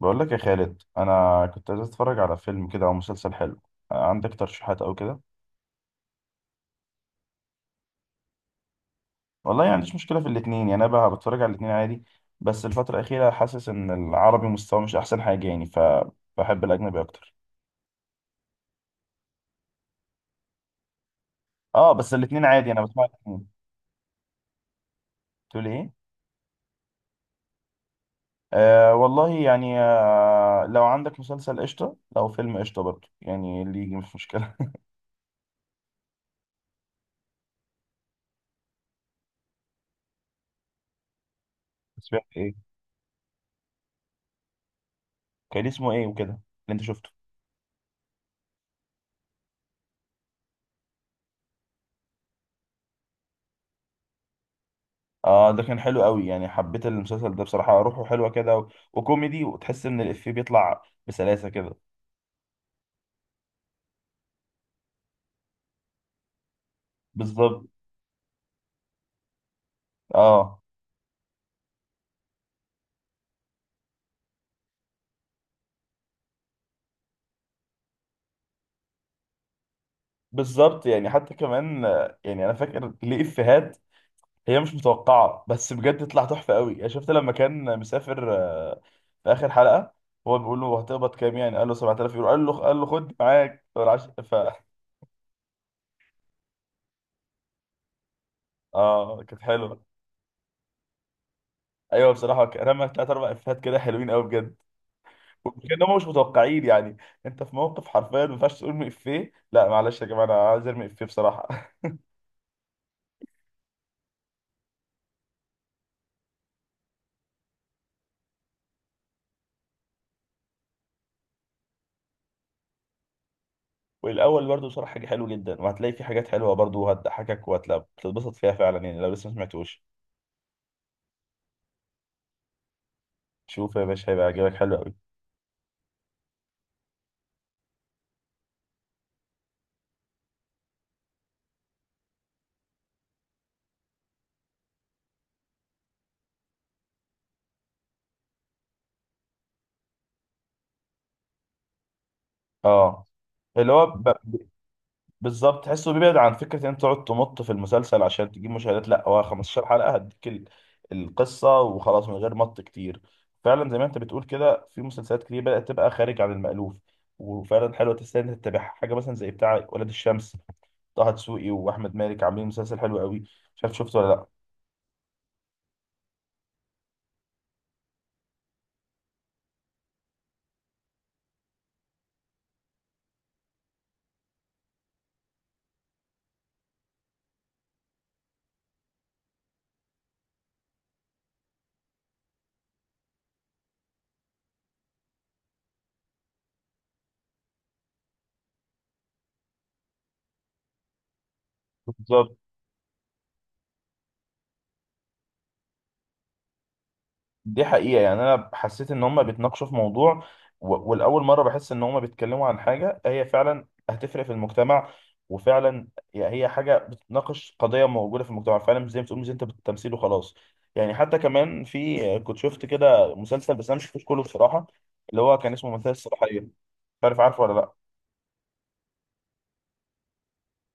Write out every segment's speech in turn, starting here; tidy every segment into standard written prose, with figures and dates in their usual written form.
بقول لك يا خالد انا كنت عايز اتفرج على فيلم كده او مسلسل حلو. عندك ترشيحات او كده؟ والله يعني مفيش مشكله في الاثنين، يعني انا بقى بتفرج على الاثنين عادي. بس الفتره الاخيره حاسس ان العربي مستواه مش احسن حاجه يعني، فبحب الاجنبي اكتر. اه، بس الاثنين عادي انا بسمع الاثنين. تقول ايه؟ آه والله يعني، لو عندك مسلسل قشطه، لو فيلم قشطه برضه، يعني اللي يجي مش مشكله. سمعت ايه؟ كان اسمه ايه وكده اللي انت شفته؟ اه ده كان حلو قوي يعني، حبيت المسلسل ده بصراحة، روحه حلوة كده وكوميدي، وتحس ان الإفيه بيطلع بسلاسة كده. بالظبط. اه. بالظبط يعني، حتى كمان يعني انا فاكر ليه إفيهات هي مش متوقعة، بس بجد تطلع تحفة قوي. يعني شفت لما كان مسافر، في آخر حلقة، هو بيقول له هتقبض كام؟ يعني قال له 7000 يورو، قال له خد معاك فالعش- ف اه كانت حلوة. ايوه بصراحة رمى ثلاث اربع إفيهات كده حلوين قوي بجد. كانهم مش متوقعين يعني. انت في موقف حرفيا ما ينفعش تقول افيه، لا معلش يا جماعه انا عايز ارمي افيه بصراحه. والاول برضه بصراحه حاجه حلوه جدا، وهتلاقي في حاجات حلوه برضه، وهتضحكك وهتتبسط فيها فعلا، يعني لو لسه ما سمعتوش. شوف يا باشا هيبقى عاجبك، حلو قوي. اه. اللي هو ب- بالظبط، تحسه بيبعد عن فكرة ان انت تقعد تمط في المسلسل عشان تجيب مشاهدات، لا هو 15 حلقة هديك القصة وخلاص من غير مط كتير. فعلا زي ما انت بتقول كده، في مسلسلات كتير بدأت تبقى خارج عن المألوف، وفعلا حلوة تستاهل انك تتابعها. حاجة مثلا زي بتاع ولاد الشمس، طه دسوقي واحمد مالك عاملين مسلسل حلو قوي، مش عارف شفته ولا لا. بالظبط. دي حقيقة يعني، أنا حسيت إن هما بيتناقشوا في موضوع، والأول مرة بحس إن هما بيتكلموا عن حاجة هي فعلا هتفرق في المجتمع، وفعلا. يعني هي حاجة بتناقش قضية موجودة في المجتمع فعلا، مش زي ما بتقول مش أنت بالتمثيل وخلاص. يعني حتى كمان في كنت شفت كده مسلسل، بس أنا مش شفتوش كله بصراحة، اللي هو كان اسمه منتهى الصلاحية، مش عارف عارفه ولا لأ.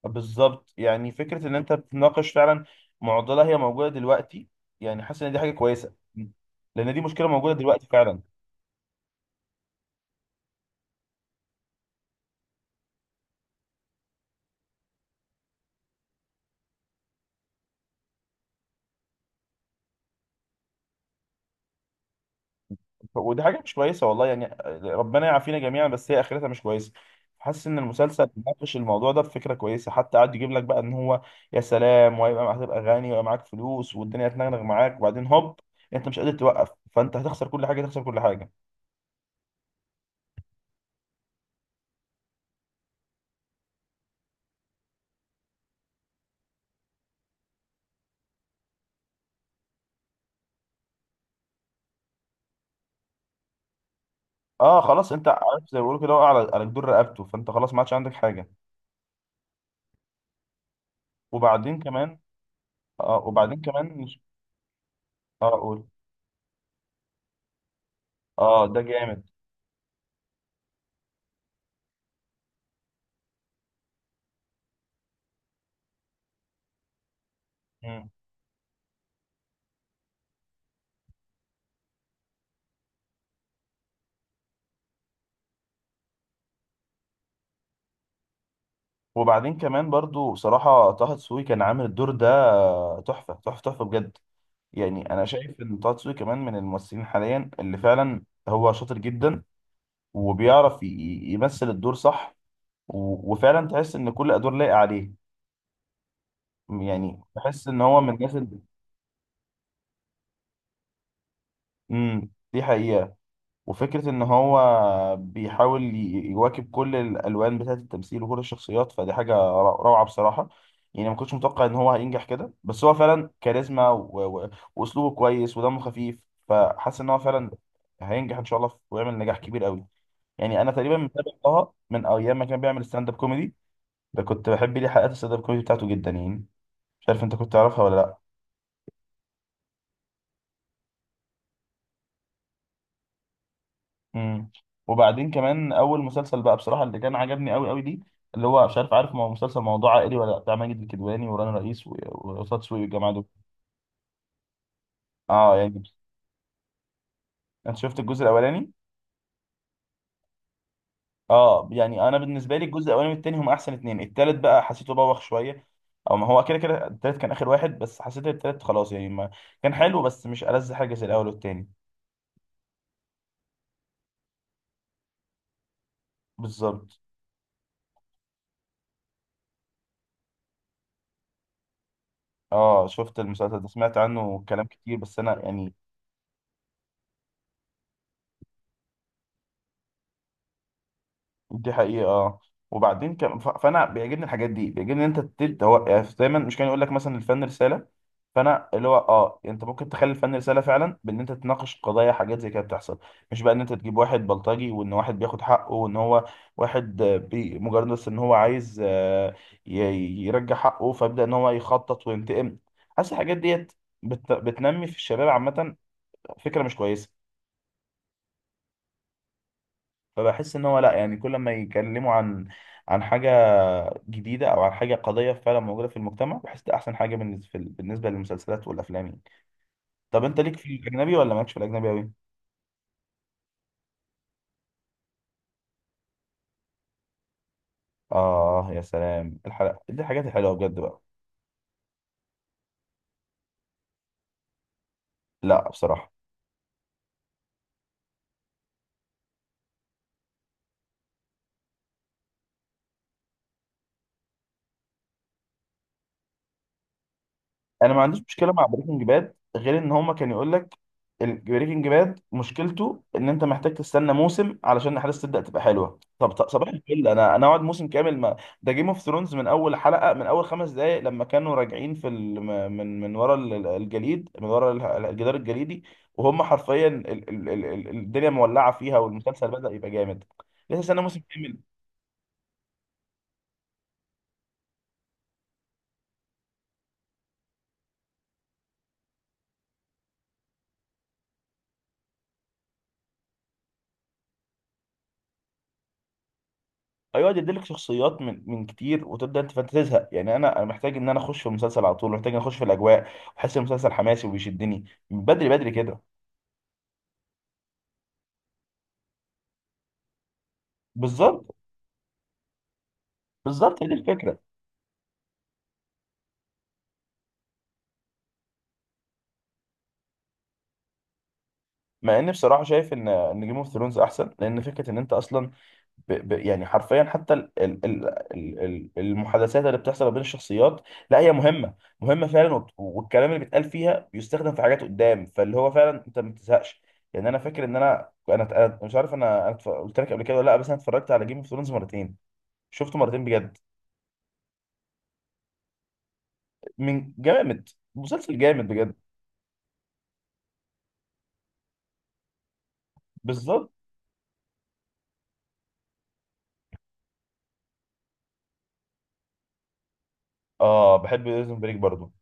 بالظبط، يعني فكرة إن أنت بتناقش فعلا معضلة هي موجودة دلوقتي، يعني حاسس إن دي حاجة كويسة، لأن دي مشكلة موجودة دلوقتي فعلا. ودي حاجه مش كويسه والله يعني، ربنا يعافينا جميعا بس هي اخرتها مش كويسه. حاسس ان المسلسل ناقش الموضوع ده بفكره كويسه، حتى قعد يجيب لك بقى ان هو يا سلام وهيبقى معاك هتبقى غني ويبقى معاك فلوس والدنيا هتنغنغ معاك، وبعدين هوب، انت مش قادر توقف، فانت هتخسر كل حاجه، تخسر كل حاجه. اه خلاص انت عارف زي ما بيقولوا كده، وقع على جدور رقبته، فانت خلاص ما عادش عندك حاجه. وبعدين كمان. اه وبعدين كمان مش اه اقول. اه ده جامد. مم. وبعدين كمان برضو بصراحه طه دسوقي كان عامل الدور ده تحفه تحفه تحفه بجد. يعني انا شايف ان طه دسوقي كمان من الممثلين حاليا اللي فعلا هو شاطر جدا، وبيعرف يمثل الدور صح، وفعلا تحس ان كل ادوار لايقه عليه، يعني بحس ان هو من الناس اللي... دي حقيقه. وفكره ان هو بيحاول يواكب كل الالوان بتاعه التمثيل وكل الشخصيات، فدي حاجه روعه بصراحه. يعني ما كنتش متوقع ان هو هينجح كده، بس هو فعلا كاريزما و- واسلوبه كويس ودمه خفيف، فحاسس ان هو فعلا هينجح ان شاء الله ويعمل نجاح كبير قوي. يعني انا تقريبا متابع طه من ايام ما كان بيعمل ستاند اب كوميدي، ده كنت بحب ليه حلقات الستاند اب كوميدي بتاعته جدا يعني، مش عارف انت كنت تعرفها ولا لا. امم وبعدين كمان اول مسلسل بقى بصراحه اللي كان عجبني قوي قوي ليه، اللي هو مش عارف مسلسل موضوع عائلي ولا لا، بتاع ماجد الكدواني ورانا رئيس وقصاد سوقي والجماعه دول. اه يعني انت شفت الجزء الاولاني؟ اه يعني انا بالنسبه لي الجزء الاولاني والتاني هم احسن اتنين، التالت بقى حسيته بوخ شويه. او ما هو كده كده التالت كان اخر واحد، بس حسيت التالت خلاص يعني ما، كان حلو بس مش ألذ حاجه زي الاول والتاني. بالظبط. اه شفت المسلسل ده سمعت عنه كلام كتير، بس انا يعني دي حقيقة آه. وبعدين فانا بيعجبني الحاجات دي، بيعجبني ان انت يعني دايما مش كان يقول لك مثلا الفن رسالة، فانا اللي هو انت ممكن تخلي الفن رسالة فعلا بان انت تناقش قضايا حاجات زي كده بتحصل، مش بقى ان انت تجيب واحد بلطجي وان واحد بياخد حقه، وان هو واحد بي مجرد بس ان هو عايز ي- يرجع حقه، فيبدأ ان هو يخطط وينتقم. حاسس الحاجات ديت بتنمي في الشباب عامة فكرة مش كويسة. فبحس ان هو لا يعني، كل ما يتكلموا عن حاجه جديده او عن حاجه قضيه فعلا موجوده في المجتمع، بحس ده احسن حاجه بالنسبه للمسلسلات والافلام يعني. طب انت ليك في الاجنبي ولا مالكش في الاجنبي قوي؟ اه يا سلام الحلقه دي الحاجات الحلوه بجد بقى. لا بصراحه. انا ما عنديش مشكله مع بريكنج باد، غير ان هما كان يقول لك البريكنج باد مشكلته ان انت محتاج تستنى موسم علشان الاحداث تبدا تبقى حلوه، طب صباح الفل، انا اقعد موسم كامل ما... ده جيم اوف ثرونز من اول حلقه، من اول 5 دقائق لما كانوا راجعين في من ورا الجليد، من ورا الجدار الجليدي، وهم حرفيا الدنيا مولعه فيها والمسلسل بدا يبقى جامد. لسه استنى موسم كامل. ايوه يديلك شخصيات من كتير، وتبدا انت فانت تزهق يعني، انا محتاج ان انا اخش في المسلسل على طول، محتاج ان اخش في الاجواء، واحس المسلسل حماسي وبيشدني من بدري بدري كده. بالظبط. بالظبط هي دي الفكره. مع اني بصراحه شايف ان جيم اوف ثرونز احسن، لان فكره ان انت اصلا يعني حرفيا حتى المحادثات اللي بتحصل ما بين الشخصيات لا هي مهمة مهمة فعلا، والكلام اللي بيتقال فيها بيستخدم في حاجات قدام، فاللي هو فعلا انت ما بتزهقش. يعني انا فاكر ان انا مش عارف قلت لك قبل كده ولا لا، بس انا اتفرجت على جيم اوف ثرونز مرتين. شفته مرتين بجد. من جامد. مسلسل جامد بجد. بالظبط. اه بحب بريزون بريك برضه.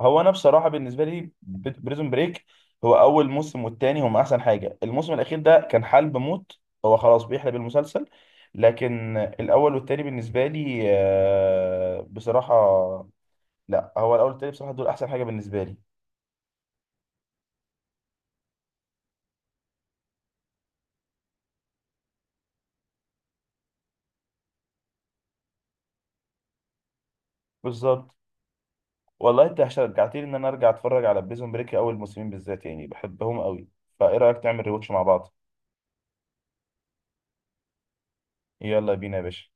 هو انا بصراحه بالنسبه لي بريزون بريك، هو اول موسم والتاني هم احسن حاجه، الموسم الاخير ده كان حلب موت، هو خلاص بيحلب المسلسل، لكن الاول والتاني بالنسبه لي بصراحه، لا هو الاول والتاني بصراحه دول احسن حاجه بالنسبه لي. بالظبط. والله انت شجعتني ان انا ارجع اتفرج على بريزون بريك، اول موسمين بالذات يعني بحبهم قوي، فايه رايك تعمل ريواتش مع بعض؟ يلا بينا يا باشا.